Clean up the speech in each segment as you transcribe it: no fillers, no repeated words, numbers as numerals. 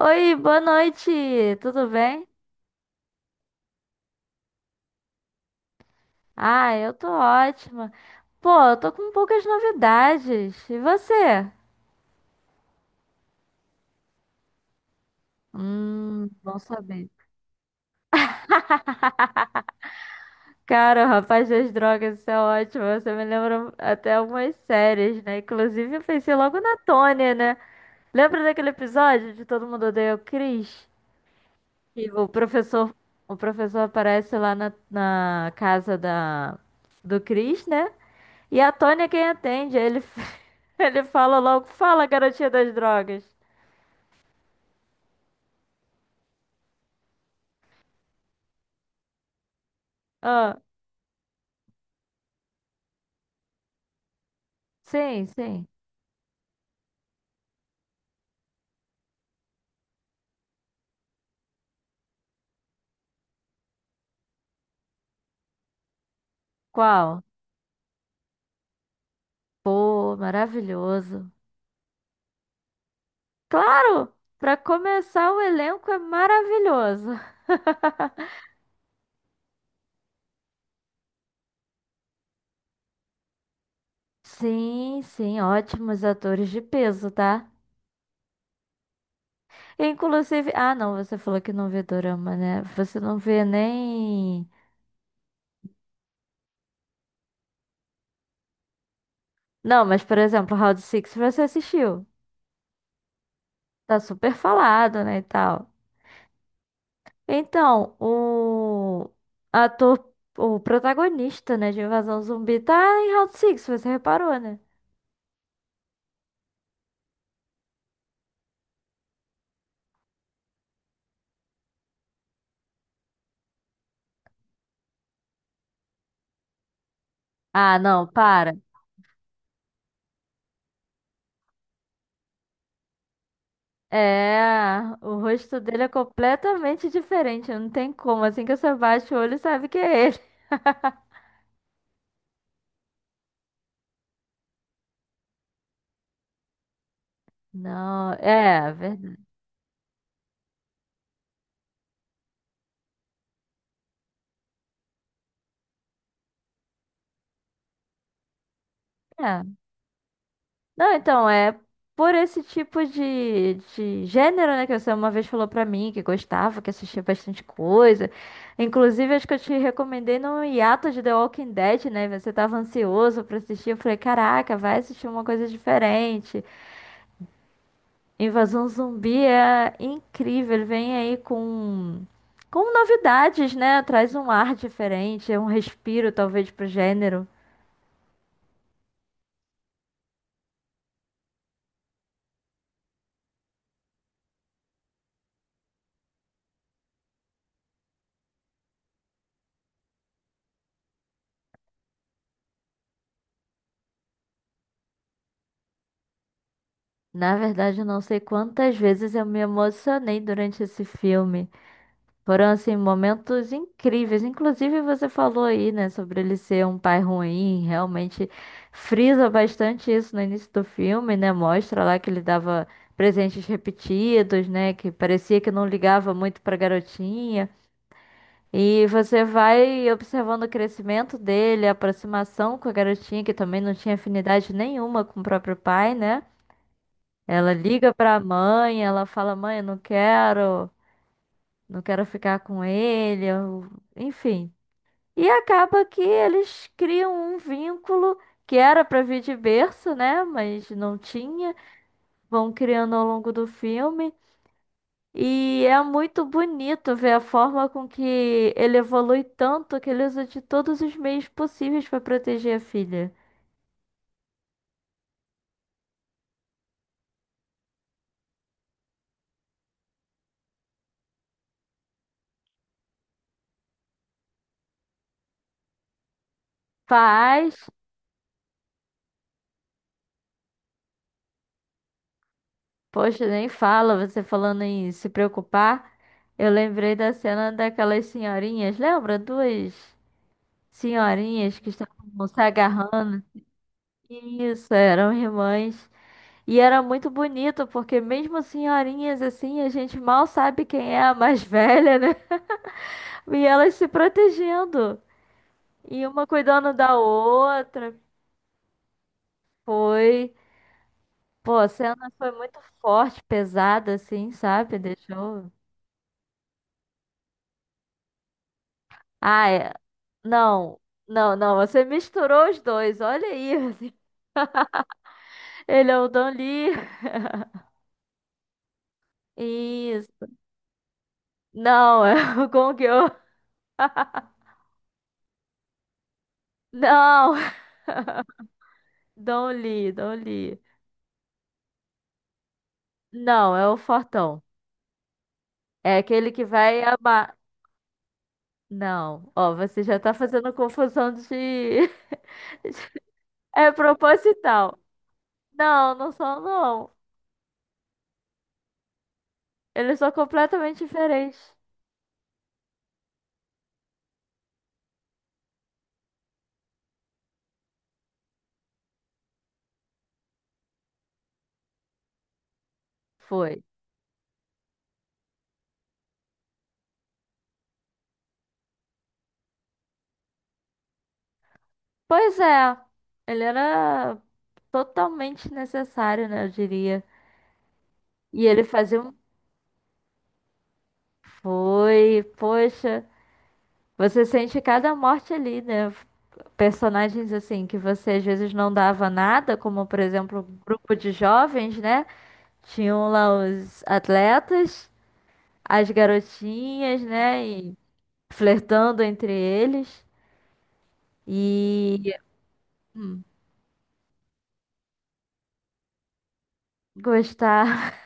Oi, boa noite, tudo bem? Ah, eu tô ótima. Pô, eu tô com poucas novidades. E você? Bom saber. Cara, o Rapaz das Drogas, isso é ótimo. Você me lembra até algumas séries, né? Inclusive, eu pensei logo na Tônia, né? Lembra daquele episódio de Todo Mundo Odeia o Chris? E o professor aparece lá na casa da, do Chris, né? E a Tônia é quem atende. Aí ele, ele fala logo: Fala, garotinha das drogas. Ah, sim, sim. Qual? Pô, maravilhoso. Claro! Pra começar, o elenco é maravilhoso. Sim, sim, ótimos atores de peso, tá? Inclusive, ah, não, você falou que não vê dorama, né? Você não vê nem. Não, mas por exemplo, Round Six você assistiu. Tá super falado, né, e tal. Então, o ator, o protagonista, né, de Invasão Zumbi tá em Round Six, você reparou, né? Ah, não, para. É, o rosto dele é completamente diferente, não tem como. Assim que você baixa o olho, sabe que é ele. Não, é, verdade. É. Não, então, é por esse tipo de gênero, né? Que você uma vez falou pra mim que gostava, que assistia bastante coisa. Inclusive, acho que eu te recomendei no hiato de The Walking Dead, né? Você tava ansioso pra assistir. Eu falei, caraca, vai assistir uma coisa diferente. Invasão Zumbi é incrível. Ele vem aí com novidades, né? Traz um ar diferente, é um respiro, talvez, pro gênero. Na verdade, eu não sei quantas vezes eu me emocionei durante esse filme. Foram, assim, momentos incríveis. Inclusive, você falou aí, né, sobre ele ser um pai ruim. Realmente frisa bastante isso no início do filme, né? Mostra lá que ele dava presentes repetidos, né? Que parecia que não ligava muito pra garotinha. E você vai observando o crescimento dele, a aproximação com a garotinha, que também não tinha afinidade nenhuma com o próprio pai, né? Ela liga pra mãe, ela fala: Mãe, eu não quero ficar com ele, eu- enfim. E acaba que eles criam um vínculo que era pra vir de berço, né? Mas não tinha, vão criando ao longo do filme. E é muito bonito ver a forma com que ele evolui tanto que ele usa de todos os meios possíveis pra proteger a filha. Faz, poxa, nem fala, você falando em se preocupar. Eu lembrei da cena daquelas senhorinhas, lembra? Duas. Senhorinhas que estavam se agarrando. Isso, eram irmãs. E era muito bonito, porque mesmo senhorinhas assim, a gente mal sabe quem é a mais velha, né? E elas se protegendo. E uma cuidando da outra. Foi. Pô, a cena foi muito forte, pesada, assim, sabe? Deixou. Ah, é. Não, não, não. Você misturou os dois. Olha aí. Ele é o Don Lee. Isso. Não, é o Gong Yoo. Não, Don Lee, Don Lee. Não, é o Fortão. É aquele que vai amar. Não, ó, você já tá fazendo confusão de. É proposital. Não, não são, não. Eles são completamente diferentes. Foi. Pois é, ele era totalmente necessário, né, eu diria. E ele fazia um. Foi, poxa, você sente cada morte ali, né? Personagens assim que você às vezes não dava nada, como por exemplo, um grupo de jovens, né? Tinham lá os atletas, as garotinhas, né? E flertando entre eles. E hum, gostar.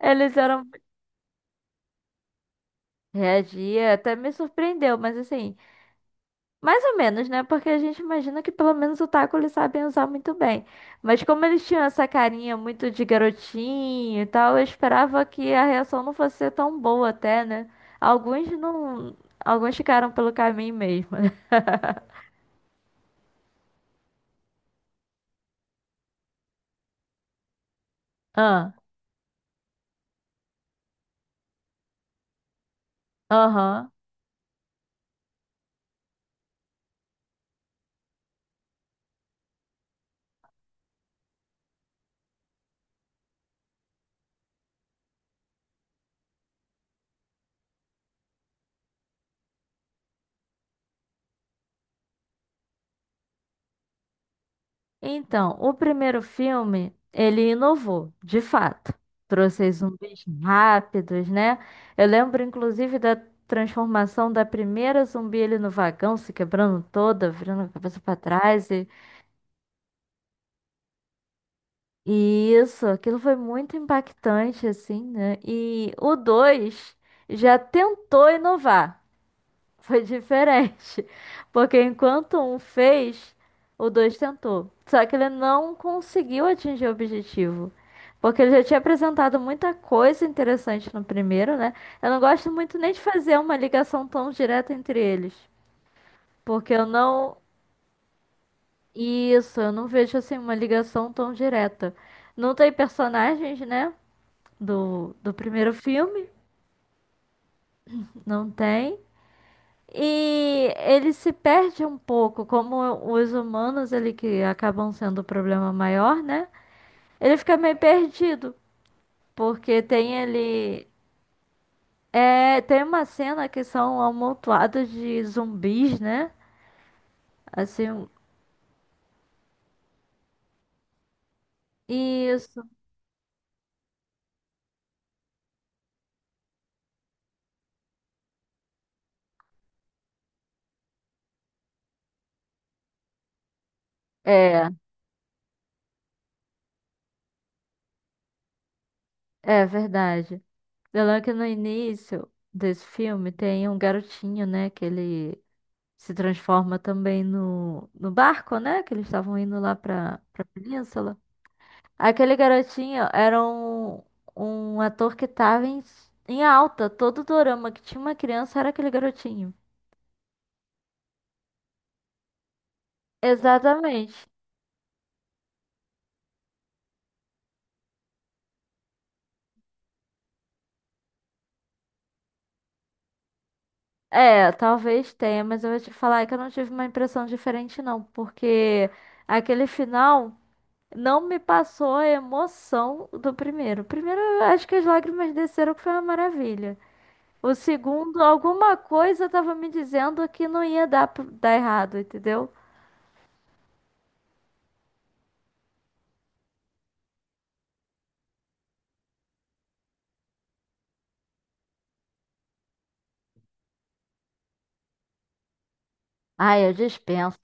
Eles eram. Reagia, até me surpreendeu, mas assim, mais ou menos, né? Porque a gente imagina que pelo menos o taco eles sabem usar muito bem. Mas como eles tinham essa carinha muito de garotinho e tal, eu esperava que a reação não fosse ser tão boa até, né? Alguns não. Alguns ficaram pelo caminho mesmo, né? Ah, aham. Então, o primeiro filme, ele inovou, de fato. Trouxe aí zumbis rápidos, né? Eu lembro, inclusive, da transformação da primeira zumbi ali no vagão, se quebrando toda, virando a cabeça para trás. E isso, aquilo foi muito impactante, assim, né? E o 2 já tentou inovar. Foi diferente. Porque enquanto um fez, o dois tentou. Só que ele não conseguiu atingir o objetivo. Porque ele já tinha apresentado muita coisa interessante no primeiro, né? Eu não gosto muito nem de fazer uma ligação tão direta entre eles. Porque eu não. Isso, eu não vejo assim uma ligação tão direta. Não tem personagens, né? Do primeiro filme, não tem. E ele se perde um pouco, como os humanos, ele que acabam sendo o problema maior, né? Ele fica meio perdido, porque tem ele. É, tem uma cena que são amontoados de zumbis, né? Assim, um- isso. É, é verdade. Eu lembro que no início desse filme tem um garotinho, né? Que ele se transforma também no barco, né? Que eles estavam indo lá pra, pra península. Aquele garotinho era um, um ator que tava em alta. Todo dorama que tinha uma criança era aquele garotinho. Exatamente. É, talvez tenha, mas eu vou te falar que eu não tive uma impressão diferente, não, porque aquele final não me passou a emoção do primeiro. O primeiro, eu acho que as lágrimas desceram, que foi uma maravilha. O segundo, alguma coisa tava me dizendo que não ia dar errado, entendeu? Ai, eu dispenso.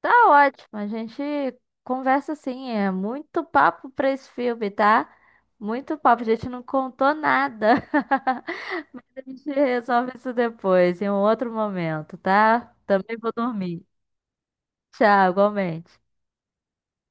Tá ótimo, a gente conversa assim, é muito papo pra esse filme, tá? Muito papo, a gente não contou nada. A gente resolve isso depois, em um outro momento, tá? Também vou dormir. Tchau, igualmente.